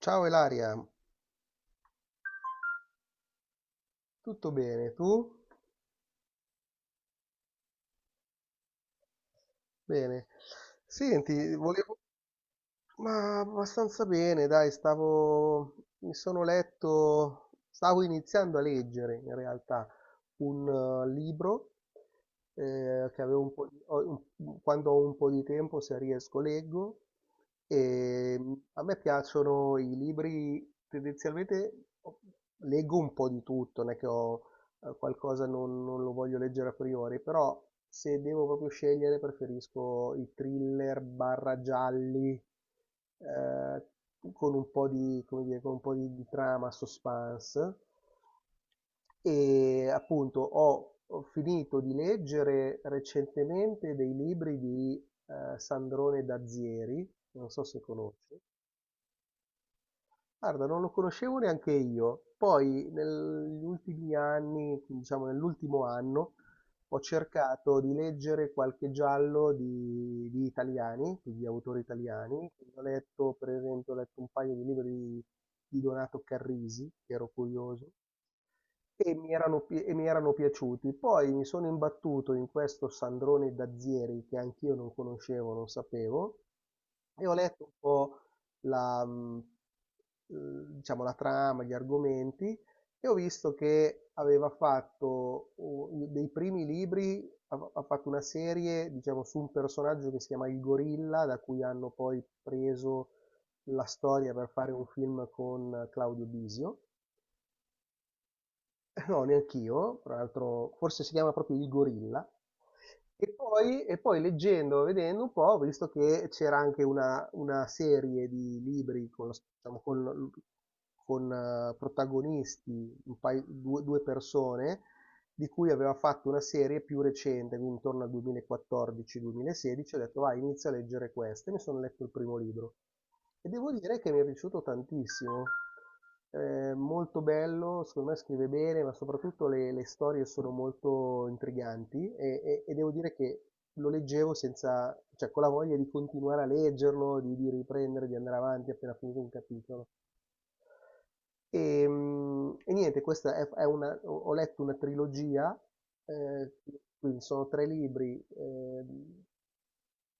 Ciao Elaria, tutto bene? Tu? Bene. Senti, volevo. Ma abbastanza bene, dai, stavo. Mi sono letto. Stavo iniziando a leggere, in realtà, un libro che avevo un po' di. Quando ho un po' di tempo, se riesco, leggo. E a me piacciono i libri, tendenzialmente leggo un po' di tutto, non è che ho qualcosa non lo voglio leggere a priori, però se devo proprio scegliere preferisco i thriller barra gialli eh, con un po' di, come dire, con un po' di trama, suspense. E appunto ho finito di leggere recentemente dei libri di Sandrone Dazieri, non so se conosci. Guarda, non lo conoscevo neanche io. Poi negli ultimi anni, diciamo nell'ultimo anno, ho cercato di leggere qualche giallo di italiani, quindi di autori italiani. Quindi ho letto, per esempio, ho letto un paio di libri di Donato Carrisi, che ero curioso e mi erano piaciuti. Poi mi sono imbattuto in questo Sandrone Dazieri che anch'io non conoscevo, non sapevo, e ho letto un po' la, mm, eh, diciamo, la trama, gli argomenti, e ho visto che aveva fatto dei primi libri, ha fatto una serie, diciamo, su un personaggio che si chiama Il Gorilla, da cui hanno poi preso la storia per fare un film con Claudio Bisio. No, neanch'io, tra l'altro forse si chiama proprio Il Gorilla. E poi leggendo, vedendo un po', ho visto che c'era anche una serie di libri con, diciamo, protagonisti, due persone, di cui aveva fatto una serie più recente, quindi intorno al 2014-2016, ho detto vai, inizio a leggere questa, e mi sono letto il primo libro. E devo dire che mi è piaciuto tantissimo. Molto bello, secondo me scrive bene, ma soprattutto le storie sono molto intriganti e, e devo dire che lo leggevo senza, cioè con la voglia di continuare a leggerlo, di riprendere, di andare avanti appena finito un capitolo. E, e niente, questa è una, ho ho letto una trilogia, eh, quindi sono tre libri,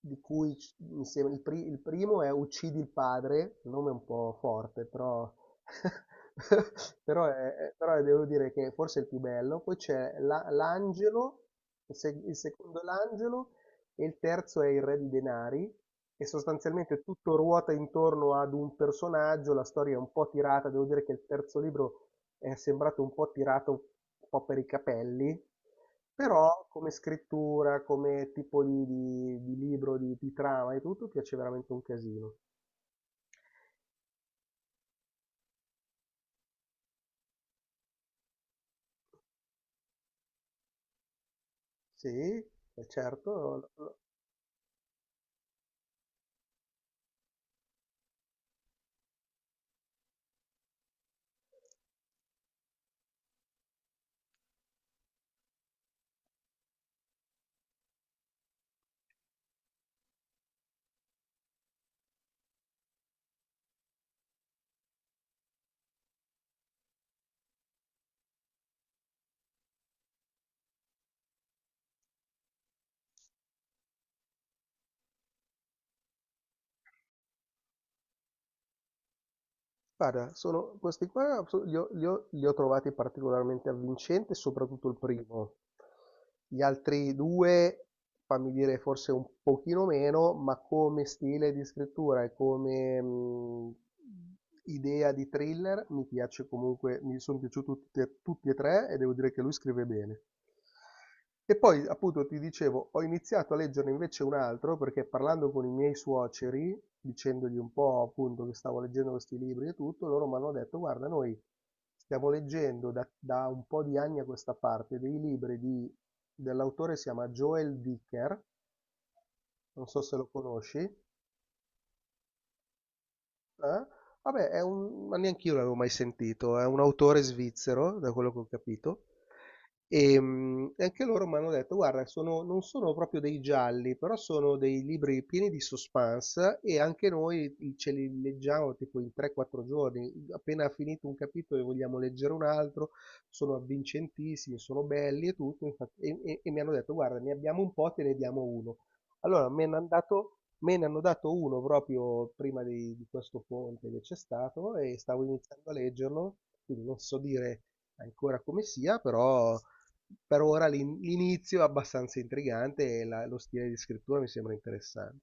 di cui mi sembra il primo è Uccidi il padre, il nome è un po' forte, però, però, però devo dire che forse è il più bello. Poi c'è l'angelo, il, se- il secondo è l'angelo, e il terzo è il re di denari e sostanzialmente tutto ruota intorno ad un personaggio, la storia è un po' tirata, devo dire che il terzo libro è sembrato un po' tirato un po' per i capelli, però come scrittura, come tipo di, di libro, di trama e tutto, piace veramente un casino. Sì, certo. Guarda, sono questi qua li ho trovati particolarmente avvincenti, soprattutto il primo. Gli altri due, fammi dire, forse un pochino meno, ma come stile di scrittura e come idea di thriller mi piace comunque, mi sono piaciuti tutti e, tutti e tre e devo dire che lui scrive bene. E poi, appunto, ti dicevo, ho iniziato a leggerne invece un altro perché parlando con i miei suoceri, dicendogli un po' appunto che stavo leggendo questi libri e tutto, loro mi hanno detto, guarda, noi stiamo leggendo da un po' di anni a questa parte dei libri dell'autore si chiama Joel Dicker, non so se lo conosci. Ah? Vabbè, è un ma neanch'io l'avevo mai sentito, è un autore svizzero, da quello che ho capito, e anche loro mi hanno detto, guarda, non sono proprio dei gialli, però sono dei libri pieni di suspense e anche noi ce li leggiamo tipo in 3-4 giorni, appena finito un capitolo e vogliamo leggere un altro, sono avvincentissimi, sono belli e tutto, e mi hanno detto, guarda, ne abbiamo un po', te ne diamo uno. Allora, mi hanno dato Me ne hanno dato uno proprio prima di questo ponte che c'è stato e stavo iniziando a leggerlo, quindi non so dire ancora come sia, però per ora l'inizio è abbastanza intrigante e lo stile di scrittura mi sembra interessante.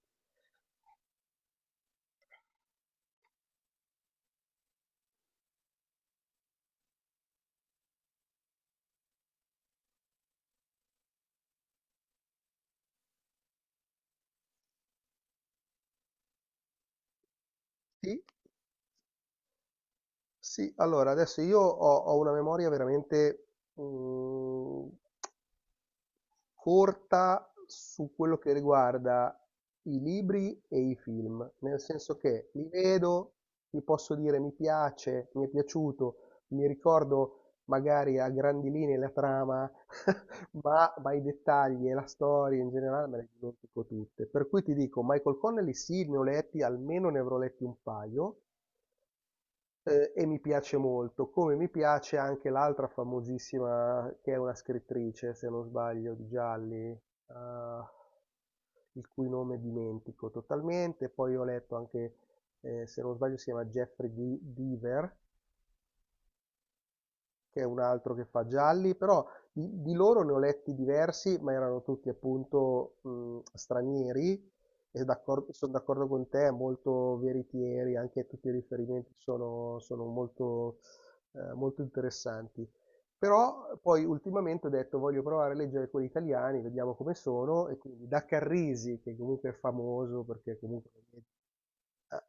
Sì, sì, allora adesso io ho una memoria veramente mm, corta su quello che riguarda i libri e i film, nel senso che li vedo, vi posso dire mi piace, mi è piaciuto, mi ricordo magari a grandi linee la trama, ma i dettagli e la storia in generale me le dimentico tutte. Per cui ti dico, Michael Connelly sì, ne ho letti, almeno ne avrò letti un paio, e mi piace molto, come mi piace anche l'altra famosissima che è una scrittrice, se non sbaglio, di gialli, il cui nome dimentico totalmente. Poi ho letto anche, se non sbaglio, si chiama Jeffrey Deaver, che è un altro che fa gialli, però di loro ne ho letti diversi, ma erano tutti appunto stranieri e sono d'accordo con te, molto veritieri, anche tutti i riferimenti sono molto, molto interessanti. Però poi ultimamente ho detto voglio provare a leggere quelli italiani, vediamo come sono, e quindi da Carrisi, che comunque è famoso perché comunque eh,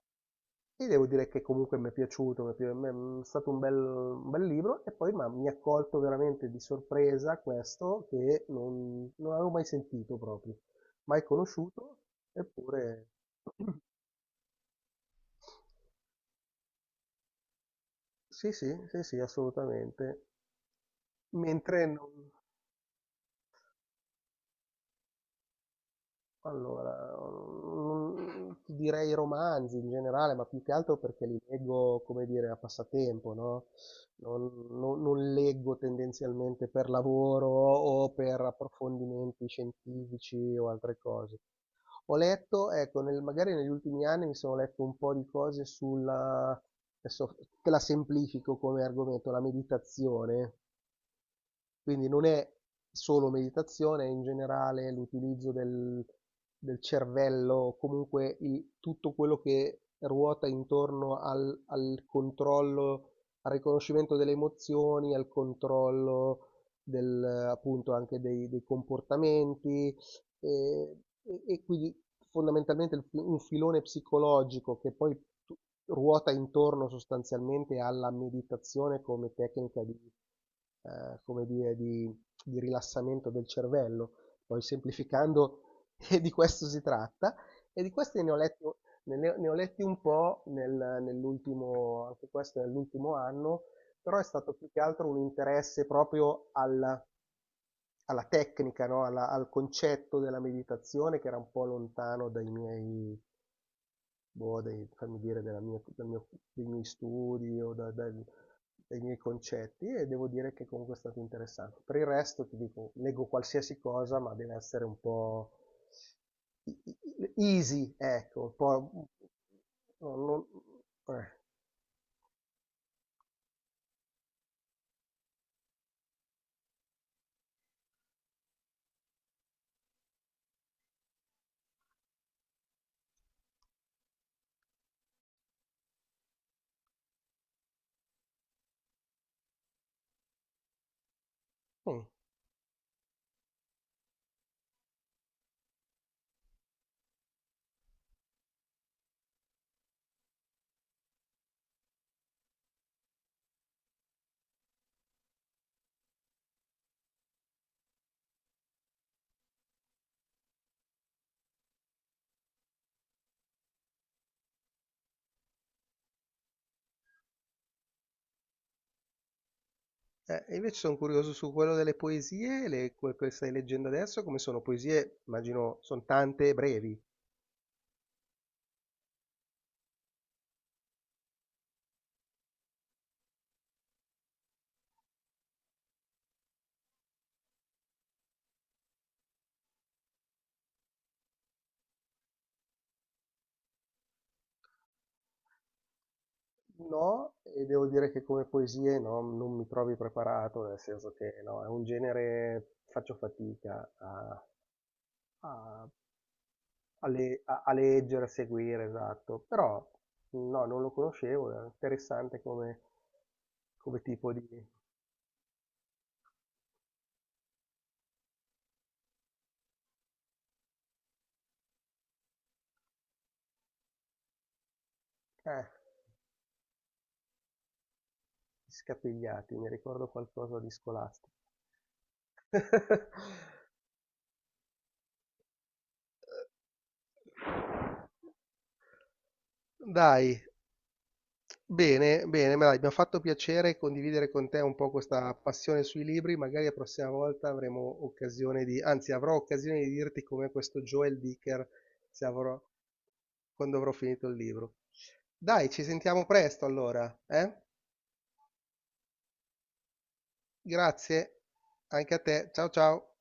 ti devo dire che comunque m'è piaciuto, m'è stato un bel libro e poi m'ha mi ha colto veramente di sorpresa questo che non avevo mai sentito proprio, mai conosciuto, eppure sì, sì, sì, sì, assolutamente. Mentre non. Allora, ti direi romanzi in generale, ma più che altro perché li leggo, come dire, a passatempo, no, non leggo tendenzialmente per lavoro o per approfondimenti scientifici o altre cose. Ho letto, ecco, nel magari negli ultimi anni mi sono letto un po' di cose sulla adesso te la semplifico come argomento, la meditazione. Quindi non è solo meditazione, è in generale l'utilizzo del cervello, comunque tutto quello che ruota intorno al controllo, al riconoscimento delle emozioni, al controllo del, appunto anche dei comportamenti, e, e quindi fondamentalmente un filone psicologico che poi tu- ruota intorno sostanzialmente alla meditazione come tecnica di, come dire, di rilassamento del cervello. Poi semplificando, e di questo si tratta. E di questi ne ho letto, ne ho letti un po' nell'ultimo, anche questo nell'ultimo anno, però è stato più che altro un interesse proprio al alla tecnica, no? Al concetto della meditazione che era un po' lontano dai miei, boh, fammi dire, della dal dei miei studi o dai miei concetti e devo dire che comunque è stato interessante. Per il resto ti dico, leggo qualsiasi cosa, ma deve essere un po' easy, ecco, un po'. No, non- eh, mm. E invece sono curioso su quello delle poesie, le, quelle che stai leggendo adesso, come sono poesie, immagino, sono tante e brevi. No, e devo dire che come poesie no, non mi trovi preparato, nel senso che no, è un genere, faccio fatica a, a- a leggere, a seguire, esatto. Però no, non lo conoscevo, è interessante come, come tipo di. Eh, scapigliati, mi ricordo qualcosa di scolastico. Dai, bene, bene, ma dai, mi ha fatto piacere condividere con te un po' questa passione sui libri, magari la prossima volta avremo occasione di, anzi avrò occasione di dirti come questo Joel Dicker, se avrò, quando avrò finito il libro. Dai, ci sentiamo presto allora, eh? Grazie, anche a te, ciao ciao.